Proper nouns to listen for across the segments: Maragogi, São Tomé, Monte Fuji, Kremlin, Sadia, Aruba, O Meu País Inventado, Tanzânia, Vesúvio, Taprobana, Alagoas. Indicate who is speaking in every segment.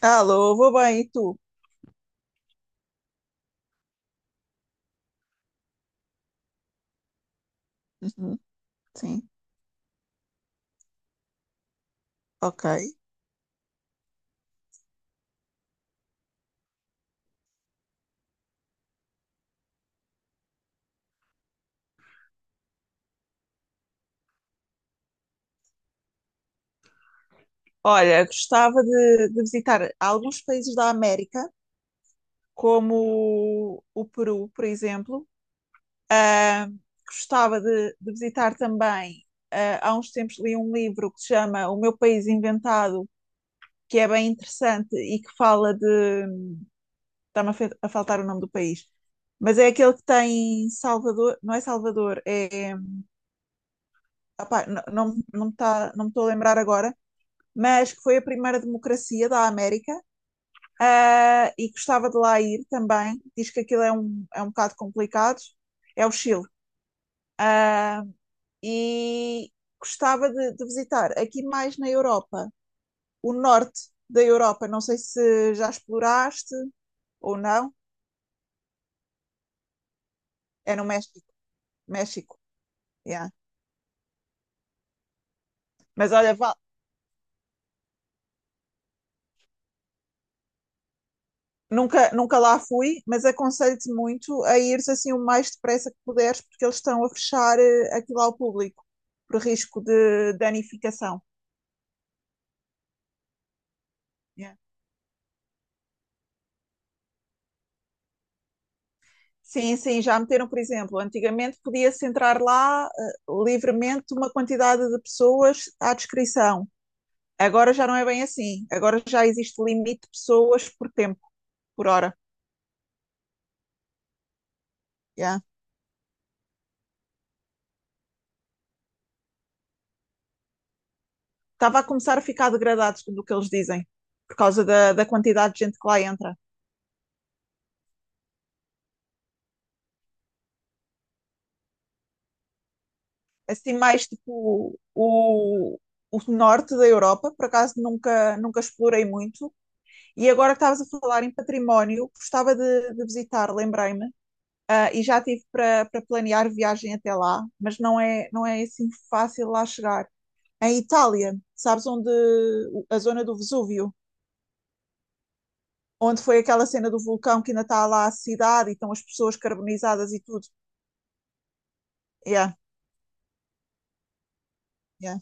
Speaker 1: Alô, vou bem, e tu? Uhum, sim, ok. Olha, gostava de visitar alguns países da América, como Peru, por exemplo. Ah, gostava de visitar também. Ah, há uns tempos li um livro que se chama O Meu País Inventado, que é bem interessante e que fala de. Está-me a faltar o nome do país. Mas é aquele que tem Salvador, não é Salvador, é. Opá, não, não me estou a lembrar agora, mas que foi a primeira democracia da América. Ah, e gostava de lá ir também. Diz que aquilo é um bocado complicado. É o Chile. Ah, e gostava de visitar aqui mais na Europa, o norte da Europa. Não sei se já exploraste ou não. É no México. México, yeah. Mas olha, vale. Nunca, nunca lá fui, mas aconselho-te muito a ires assim o mais depressa que puderes, porque eles estão a fechar aquilo ao público, por risco de danificação. Yeah. Sim, sim, já meteram, por exemplo, antigamente podia-se entrar lá livremente uma quantidade de pessoas à descrição. Agora já não é bem assim. Agora já existe limite de pessoas por tempo, por hora. Yeah. Estava a começar a ficar degradado do que eles dizem, por causa da quantidade de gente que lá entra. Assim mais tipo o norte da Europa, por acaso nunca, nunca explorei muito. E agora que estavas a falar em património, gostava de visitar, lembrei-me, ah, e já tive para planear viagem até lá, mas não é assim fácil lá chegar. Em Itália, sabes onde a zona do Vesúvio, onde foi aquela cena do vulcão que ainda está lá a cidade e estão as pessoas carbonizadas e tudo. Yeah, yeah,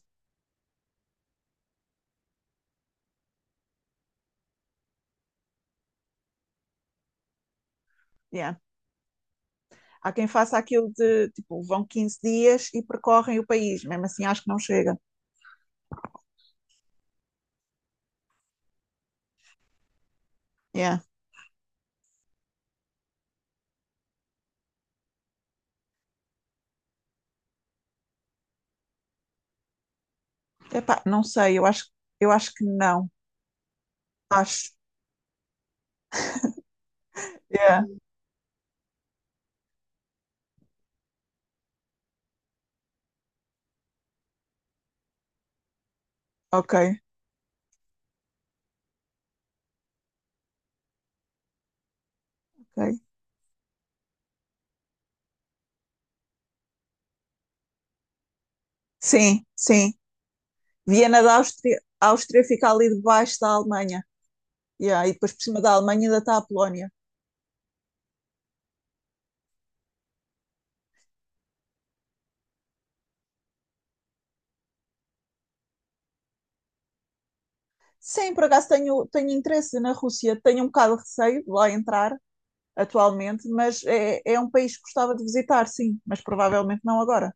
Speaker 1: yeah. Há quem faça aquilo de, tipo, vão 15 dias e percorrem o país. Mesmo assim, acho que não chega. Yeah. Epá, não sei, eu acho que não. Acho. Yeah. Ok, ok. Sim, sim. Viena da Áustria, a Áustria fica ali debaixo da Alemanha. Yeah. E depois por cima da Alemanha ainda está a Polónia. Sim, por acaso tenho interesse na Rússia. Tenho um bocado de receio de lá entrar atualmente, mas é um país que gostava de visitar, sim. Mas provavelmente não agora.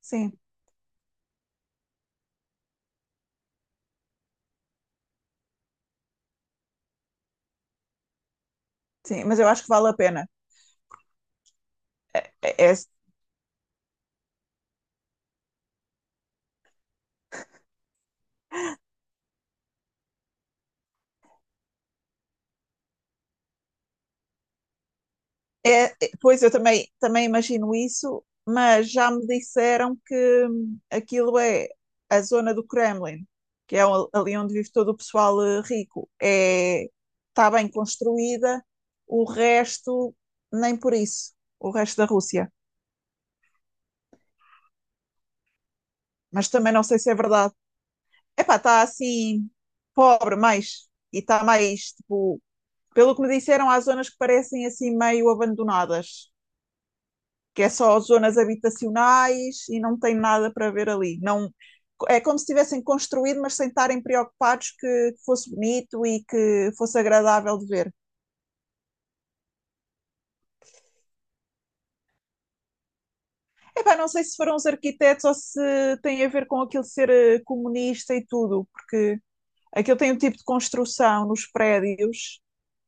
Speaker 1: Sim, sim. Mas eu acho que vale a pena. É, é, é, é, pois eu também imagino isso, mas já me disseram que aquilo é a zona do Kremlin, que é ali onde vive todo o pessoal rico. É, está bem construída, o resto nem por isso, o resto da Rússia. Mas também não sei se é verdade. Epá, está assim pobre mais e está mais tipo, pelo que me disseram, há zonas que parecem assim meio abandonadas. Que é só zonas habitacionais e não tem nada para ver ali. Não, é como se tivessem construído, mas sem estarem preocupados que fosse bonito e que fosse agradável de ver. Epá, não sei se foram os arquitetos ou se tem a ver com aquilo de ser comunista e tudo. Aquilo tem um tipo de construção nos prédios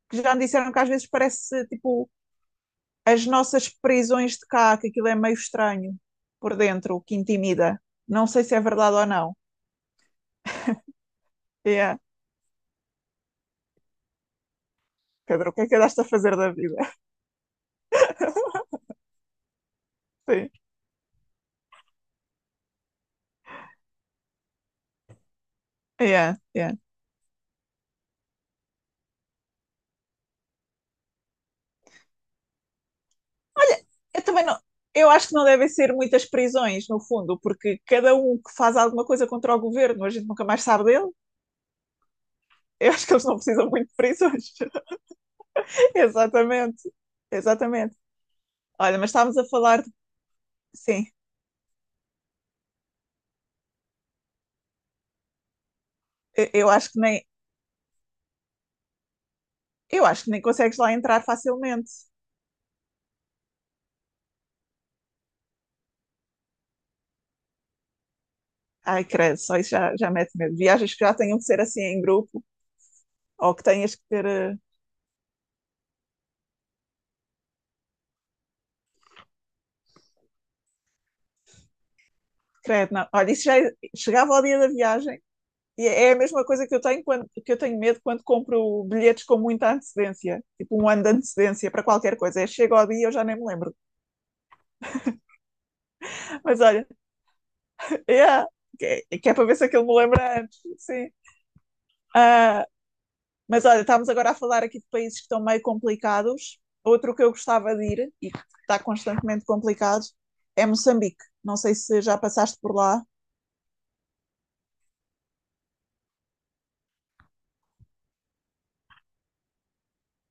Speaker 1: que já me disseram que às vezes parece tipo as nossas prisões de cá, que aquilo é meio estranho por dentro, que intimida. Não sei se é verdade ou não. É, Pedro, o que é que andaste a fazer da vida? Sim. Yeah, yeah. Eu também não. Eu acho que não devem ser muitas prisões, no fundo, porque cada um que faz alguma coisa contra o governo, a gente nunca mais sabe dele. Eu acho que eles não precisam muito de prisões. Exatamente. Exatamente. Olha, mas estávamos a falar de... Sim, eu acho que nem. Eu acho que nem consegues lá entrar facilmente. Ai, credo, só isso já mete medo. Viagens que já tenham que ser assim em grupo, ou que tenhas que ter. Credo, não. Olha, isso já é, chegava ao dia da viagem. E é a mesma coisa que eu tenho medo quando compro bilhetes com muita antecedência, tipo um ano de antecedência para qualquer coisa. É, chega ao dia e eu já nem me lembro. Mas olha, yeah, que, que é para ver se aquilo me lembra antes. Sim. Ah, mas olha, estamos agora a falar aqui de países que estão meio complicados. Outro que eu gostava de ir e que está constantemente complicado é Moçambique. Não sei se já passaste por lá,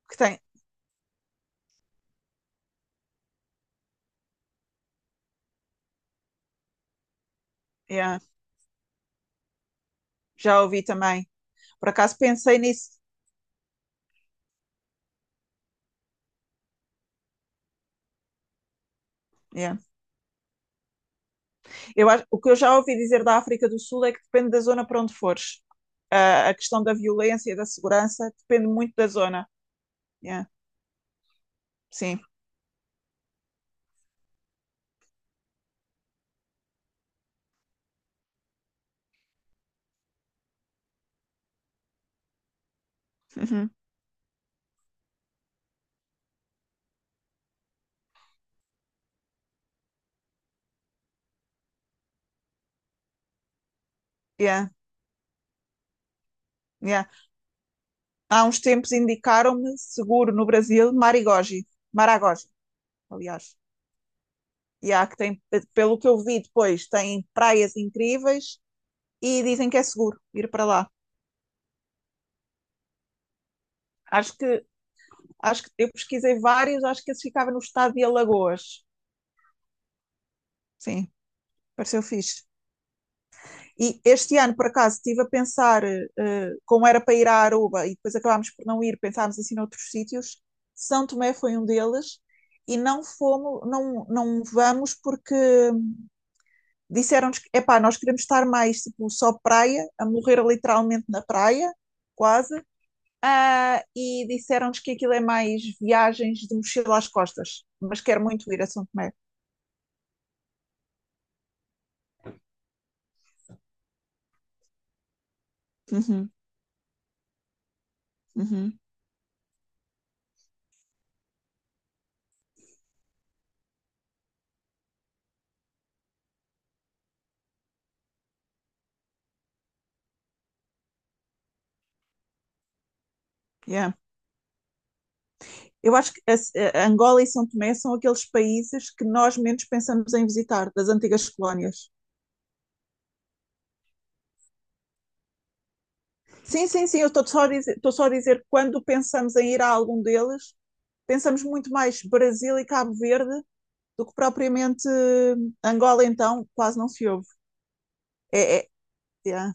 Speaker 1: que tem. Yeah, já ouvi também. Por acaso pensei nisso. Yeah. O que eu já ouvi dizer da África do Sul é que depende da zona para onde fores. Ah, a questão da violência e da segurança depende muito da zona. Yeah, sim. Uhum. Yeah, yeah. Há uns tempos indicaram-me seguro no Brasil, Marigogi, Maragogi, aliás. Yeah, que tem, pelo que eu vi depois, tem praias incríveis e dizem que é seguro ir para lá. Acho que, acho que eu pesquisei vários, acho que esse ficava no estado de Alagoas. Sim, pareceu fixe. E este ano, por acaso, estive a pensar, como era para ir à Aruba e depois acabámos por não ir, pensámos assim noutros sítios. São Tomé foi um deles e não fomos, não, não vamos porque disseram-nos que, epá, nós queremos estar mais tipo só praia, a morrer literalmente na praia, quase. Ah, e disseram-nos que aquilo é mais viagens de mochila às costas, mas quero muito ir a São Tomé. Uhum, uhum, yeah. Eu acho que a Angola e São Tomé são aqueles países que nós menos pensamos em visitar, das antigas colónias. Sim, sim, sim, eu estou só a dizer, estou só a dizer que quando pensamos em ir a algum deles, pensamos muito mais Brasil e Cabo Verde do que propriamente Angola, então quase não se ouve. É, é, yeah,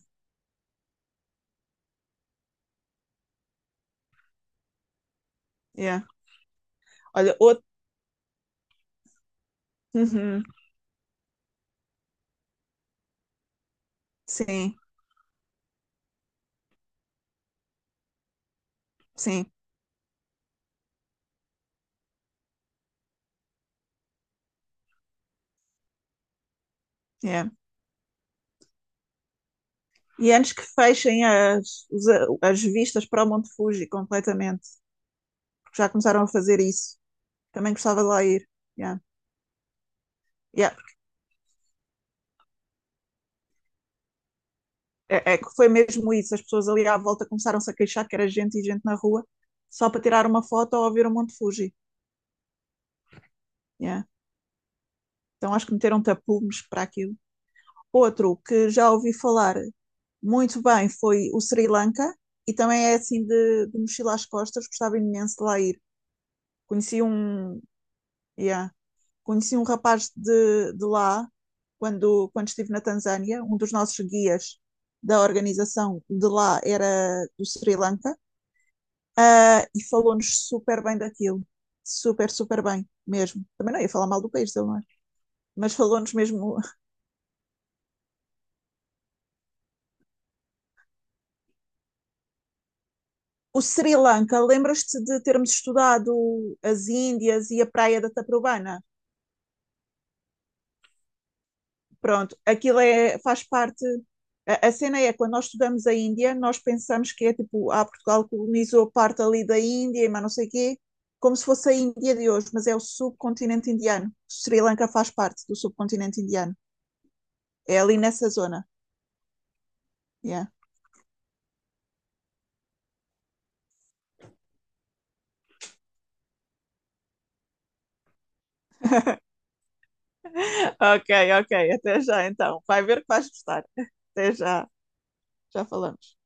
Speaker 1: yeah. Olha, outro. Uhum, sim, sim, yeah. E antes que fechem as vistas para o Monte Fuji completamente, porque já começaram a fazer isso, também gostava de lá ir. Yeah. Yeah. É, é que foi mesmo isso. As pessoas ali à volta começaram-se a queixar que era gente e gente na rua só para tirar uma foto ou ver o Monte Fuji. Yeah. Então acho que meteram tapumes para aquilo. Outro que já ouvi falar muito bem foi o Sri Lanka e também é assim de mochila às costas. Gostava imenso de lá ir. Conheci um, yeah, conheci um rapaz de lá quando estive na Tanzânia. Um dos nossos guias da organização de lá era do Sri Lanka. Ah, e falou-nos super bem daquilo. Super, super bem, mesmo. Também não ia falar mal do país dele, não é? Mas falou-nos mesmo. O Sri Lanka, lembras-te de termos estudado as Índias e a praia da Taprobana? Pronto, aquilo é, faz parte. A cena é, quando nós estudamos a Índia, nós pensamos que é tipo, Portugal colonizou parte ali da Índia, mas não sei quê, como se fosse a Índia de hoje, mas é o subcontinente indiano. Sri Lanka faz parte do subcontinente indiano. É ali nessa zona. Yeah. Ok, ok. Até já então. Vai ver que vais gostar. Até já. Já falamos.